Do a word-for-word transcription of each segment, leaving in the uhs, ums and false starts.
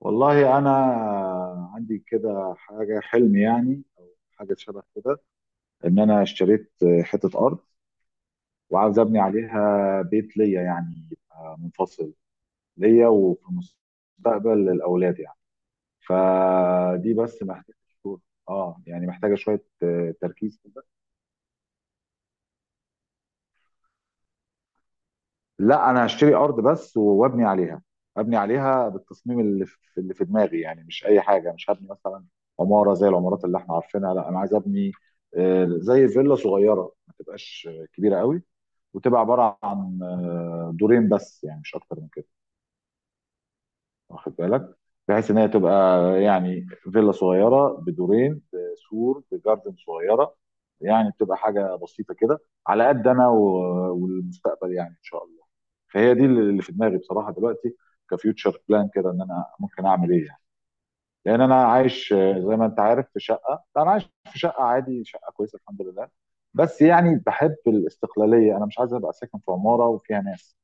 والله انا عندي كده حاجه، حلم يعني او حاجه شبه كده، ان انا اشتريت حته ارض، وعاوز ابني عليها بيت ليا يعني يبقى منفصل ليا، وفي المستقبل للاولاد يعني. فدي بس محتاجه شوية- اه، يعني محتاجه شويه آه، تركيز كده. لا انا هشتري ارض بس وابني عليها، ابني عليها بالتصميم اللي في اللي في دماغي، يعني مش اي حاجه، مش هبني مثلا عماره زي العمارات اللي احنا عارفينها. لا انا عايز ابني آه، زي فيلا صغيره ما تبقاش آه، كبيره قوي، وتبقى عباره عن آه، دورين بس، يعني مش اكتر من كده. واخد بالك؟ بحيث ان هي تبقى يعني فيلا صغيره بدورين، بسور، بجاردن صغيره، يعني بتبقى حاجه بسيطه كده على قد انا و- والمستقبل يعني، ان شاء الله. فهي دي اللي في دماغي بصراحه دلوقتي، كفيوتشر بلان كده، ان انا ممكن اعمل ايه يعني. لان انا عايش آه، زي ما انت عارف في شقه، لا انا عايش في شقه عادي، شقه كويسه الحمد لله، بس يعني بحب الاستقلاليه، انا مش عايز ابقى ساكن في عماره وفيها ناس،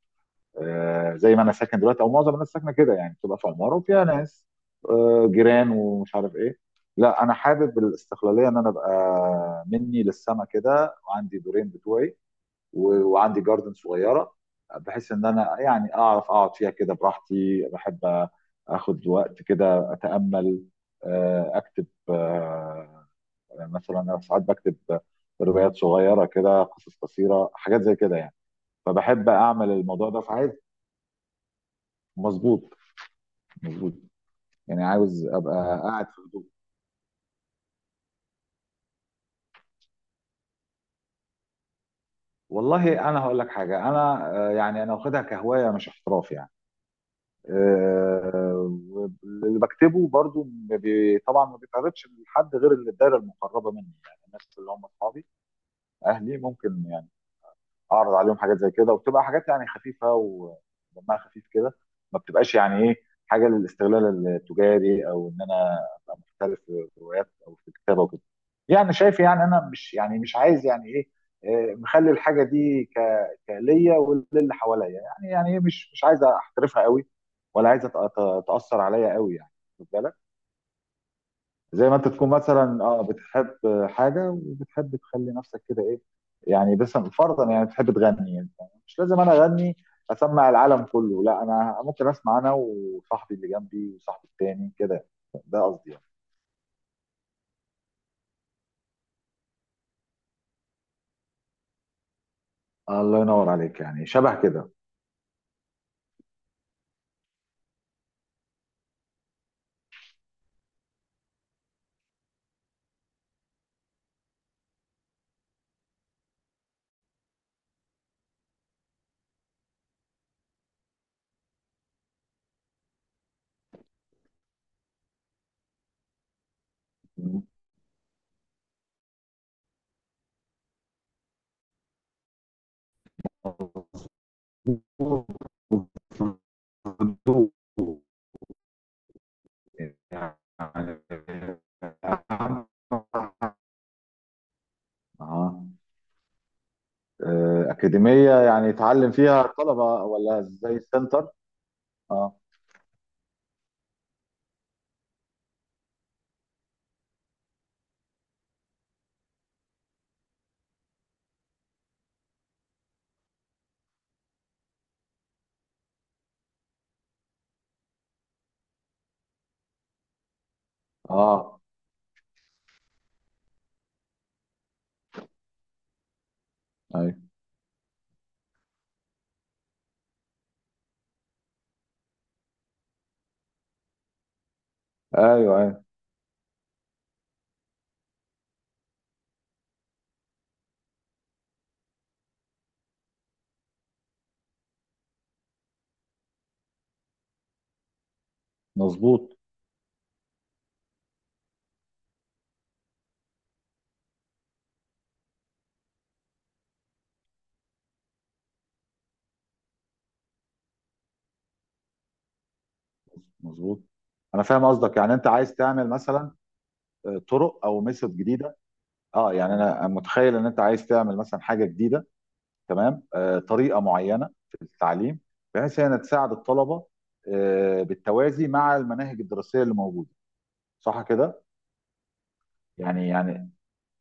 آه، زي ما انا ساكن دلوقتي، او معظم الناس ساكنه كده يعني، بتبقى في عماره وفيها ناس، آه، جيران ومش عارف ايه. لا انا حابب الاستقلاليه، ان انا ابقى مني للسما كده وعندي دورين بتوعي، و- وعندي جاردن صغيره، بحيث ان انا يعني اعرف اقعد فيها كده براحتي. بحب اخد وقت كده اتامل، آه، اكتب، آه، مثلا انا ساعات بكتب روايات صغيره كده، قصص قصيره، حاجات زي كده يعني. فبحب اعمل الموضوع ده، فعايز. مظبوط. مظبوط. يعني عاوز ابقى قاعد في هدوء. والله انا هقول لك حاجه، انا آه، يعني انا واخدها كهوايه مش احتراف يعني. آه، واللي بكتبه برضو، ما بي- طبعا ما بيتعرضش لحد غير اللي الدايره المقربه مني، يعني الناس اللي هم اصحابي، اهلي، ممكن يعني اعرض عليهم حاجات زي كده، وبتبقى حاجات يعني خفيفه ودمها خفيف كده، ما بتبقاش يعني ايه، حاجه للاستغلال التجاري، او ان انا ابقى محترف في الروايات او في الكتابه وكده. يعني شايف؟ يعني انا مش، يعني مش عايز يعني ايه، آه، مخلي الحاجه دي ك كليا وللي حواليا، يعني يعني إيه، مش مش عايز احترفها قوي، ولا عايز أت- أت- تاثر عليا قوي يعني. واخد بالك؟ زي ما انت تكون مثلا اه بتحب حاجه، وبتحب تخلي نفسك كده ايه يعني، بس فرضا يعني بتحب تغني يعني، مش لازم انا اغني اسمع العالم كله، لا انا ممكن اسمع انا وصاحبي اللي جنبي وصاحبي التاني كده، ده قصدي يعني. الله ينور عليك، يعني شبه كده. يعني أهم. آه، أكاديمية يعني يتعلم فيها الطلبة ولا زي السنتر؟ اه، اه، ايوه، ايوه، ايوه. مظبوط. مظبوط. انا فاهم قصدك، يعني انت عايز تعمل مثلا آه، طرق او ميثود جديده، اه يعني انا متخيل ان انت عايز تعمل مثلا حاجه جديده، تمام، آه، طريقه معينه في التعليم، بحيث انها تساعد الطلبه، آه، بالتوازي مع المناهج الدراسيه اللي موجوده. صح كده؟ يعني يعني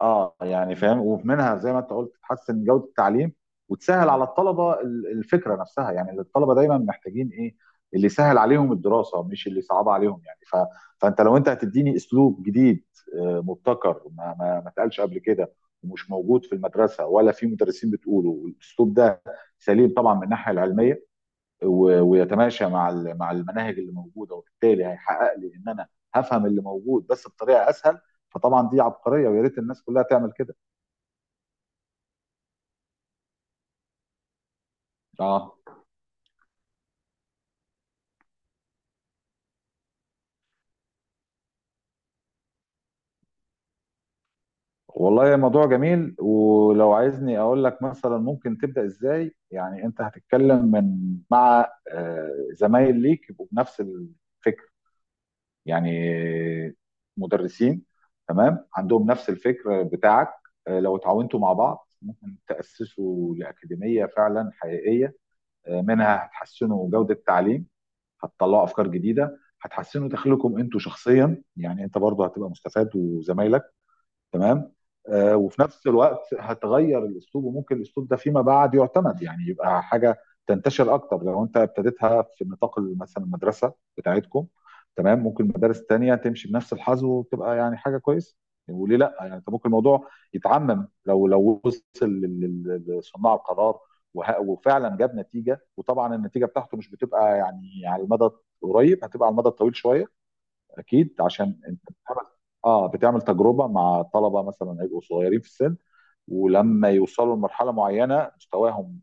اه، يعني فاهم، ومنها زي ما انت قلت تحسن جوده التعليم، وتسهل على الطلبه ال- الفكره نفسها، يعني الطلبه دايما محتاجين ايه، اللي يسهل عليهم الدراسه مش اللي يصعب عليهم يعني، ف... فانت لو انت هتديني اسلوب جديد، آه، مبتكر، ما ما ما اتقالش قبل كده، ومش موجود في المدرسه، ولا في مدرسين بتقوله، والاسلوب ده سليم طبعا من الناحيه العلميه، و- ويتماشى مع ال- مع المناهج اللي موجوده، وبالتالي هيحقق لي ان انا هفهم اللي موجود بس بطريقه اسهل، فطبعا دي عبقريه، ويا ريت الناس كلها تعمل كده. اه، والله الموضوع جميل، ولو عايزني اقول لك مثلا ممكن تبدا ازاي، يعني انت هتتكلم من مع آه، زمايل ليك يبقوا بنفس الفكر، يعني مدرسين، تمام، عندهم نفس الفكر بتاعك، آه، لو اتعاونتوا مع بعض ممكن تاسسوا لاكاديميه فعلا حقيقيه، آه، منها هتحسنوا جودة التعليم، هتطلعوا أفكار جديدة، هتحسنوا دخلكم أنتوا شخصيا، يعني أنت برضه هتبقى مستفاد وزمايلك، تمام، آه، وفي نفس الوقت هتغير الاسلوب، وممكن الاسلوب ده فيما بعد يعتمد، يعني يبقى حاجه تنتشر اكتر لو انت ابتديتها في نطاق مثلا المدرسه بتاعتكم، تمام، ممكن مدارس تانية تمشي بنفس الحظ وتبقى يعني حاجه كويسه. وليه لا؟ يعني انت ممكن الموضوع يتعمم لو لو وصل لل- لل- لصناع القرار، وه- وفعلا جاب نتيجه، وطبعا النتيجه بتاعته مش بتبقى يعني على المدى القريب، هتبقى على المدى الطويل شويه، اكيد، عشان انت بتعمل، اه، بتعمل تجربه مع طلبه مثلا هيبقوا صغيرين في السن، ولما يوصلوا لمرحله معينه مستواهم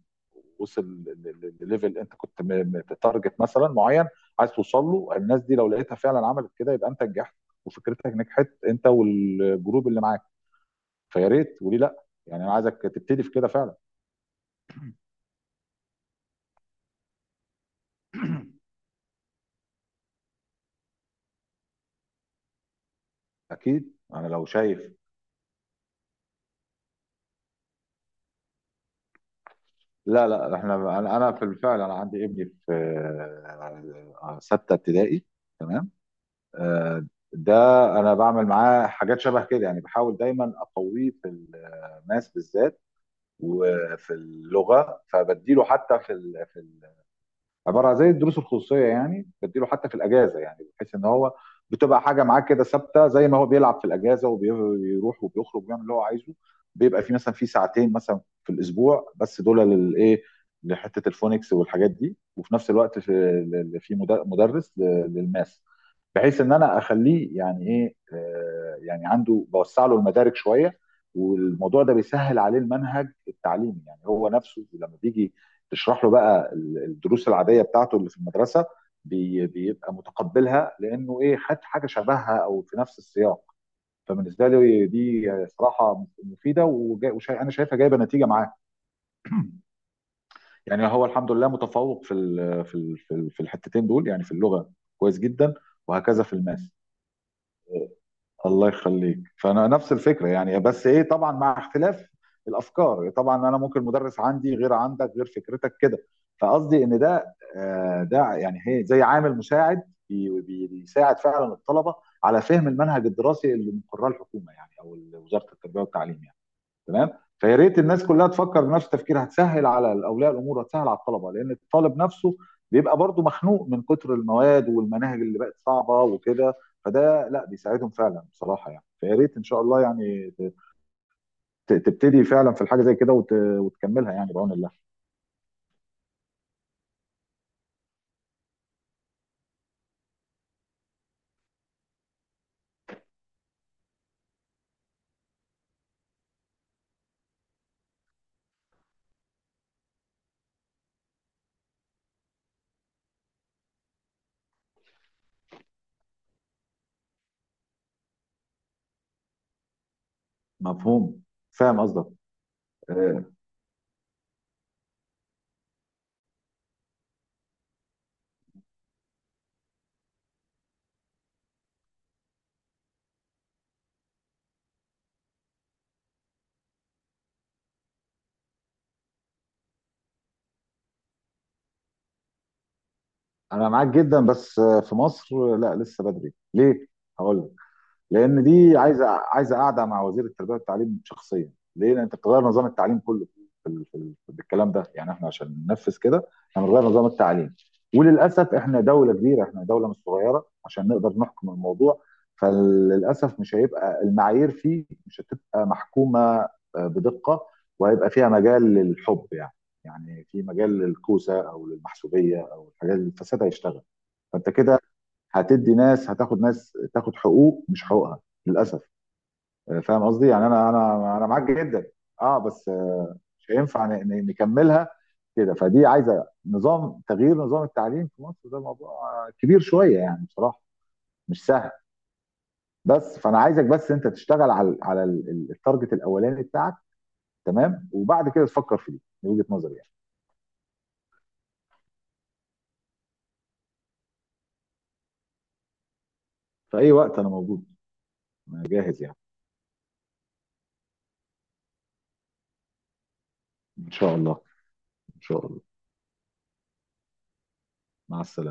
وصل ل- ل- لليفل انت كنت م- م- تارجت مثلا معين عايز توصل له، الناس دي لو لقيتها فعلا عملت كده يبقى انت نجحت، وفكرتك نجحت، انت والجروب اللي معاك. فيا ريت، وليه لا يعني، انا عايزك تبتدي في كده فعلا. اكيد انا لو شايف. لا، لا، احنا، انا أنا في الفعل، انا عندي ابني في آه، آه، سته ابتدائي، تمام، آه، ده انا بعمل معاه حاجات شبه كده، يعني بحاول دايما اقويه في الماس بالذات، وفي اللغه، فبديله حتى في ال- في عباره عن زي الدروس الخصوصيه، يعني بديله حتى في الاجازه، يعني بحيث ان هو بتبقى حاجه معاه كده ثابته، زي ما هو بيلعب في الاجازه وبيروح وبيخرج وبيعمل اللي هو عايزه، بيبقى في مثلا في ساعتين مثلا في الاسبوع بس، دول للايه؟ لحته الفونكس والحاجات دي، وفي نفس الوقت في في مدر- مدرس ل- للماس، بحيث ان انا اخليه يعني ايه، آه، يعني عنده بوسع له المدارك شويه، والموضوع ده بيسهل عليه المنهج التعليمي، يعني هو نفسه لما بيجي تشرح له بقى ال- الدروس العاديه بتاعته اللي في المدرسه، بي- بيبقى متقبلها لانه ايه، خد حاجه شبهها او في نفس السياق. فبالنسبه لي دي صراحه مفيده، وانا شايفها جايبه نتيجه معاه، يعني هو الحمد لله متفوق في ال- في ال- في ال- في الحتتين دول، يعني في اللغه كويس جدا، وهكذا في الماس. الله يخليك، فانا نفس الفكره يعني، بس ايه، طبعا مع اختلاف الافكار، طبعا انا ممكن مدرس عندي غير عندك، غير فكرتك كده، فقصدي ان ده، آه، ده يعني هي زي عامل مساعد بي- بي- بيساعد فعلا الطلبه على فهم المنهج الدراسي اللي مقراه الحكومه يعني، او وزاره التربيه والتعليم يعني، تمام. فيا ريت الناس كلها تفكر بنفس التفكير، هتسهل على اولياء الامور، هتسهل على الطلبه، لان الطالب نفسه بيبقى برضه مخنوق من كتر المواد والمناهج اللي بقت صعبه وكده، فده لا، بيساعدهم فعلا بصراحه يعني. فيا ريت ان شاء الله يعني ت- تبتدي فعلا في الحاجه زي كده، وت- وتكملها يعني بعون الله. مفهوم. فاهم قصدك. آه، انا معاك جدا، بس آه، في مصر آه، لا لسه بدري، ليه، هقول لك. لان دي عايزه عايزه قاعده مع وزير التربيه والتعليم شخصيا، ليه؟ لان انت بتغير نظام التعليم كله في ال- في ال- بالكلام ده، يعني احنا عشان ننفذ كده احنا بنغير نظام التعليم، وللاسف احنا دوله كبيره، احنا دوله مش صغيره عشان نقدر نحكم الموضوع، فللاسف مش هيبقى المعايير فيه، مش هتبقى محكومه آه، بدقه، وهيبقى فيها مجال للحب يعني يعني في مجال للكوسه او للمحسوبيه او الحاجات، الفساد هيشتغل، فانت كده هتدي ناس، هتاخد ناس تاخد حقوق مش حقوقها للاسف، آه، فاهم قصدي يعني. انا انا انا معاك جدا. اه، بس آه، مش هينفع ن- ن- نكملها كده، فدي عايزه نظام تغيير نظام التعليم في مصر، ده موضوع آه، كبير شويه يعني، بصراحه مش سهل. بس فانا عايزك بس انت تشتغل على على ال- ال- التارجت الاولاني بتاعك، تمام، وبعد كده تفكر فيه، من وجهه نظري يعني. في اي وقت انا موجود. أنا جاهز يعني، ان شاء الله. ان شاء الله. مع السلامه.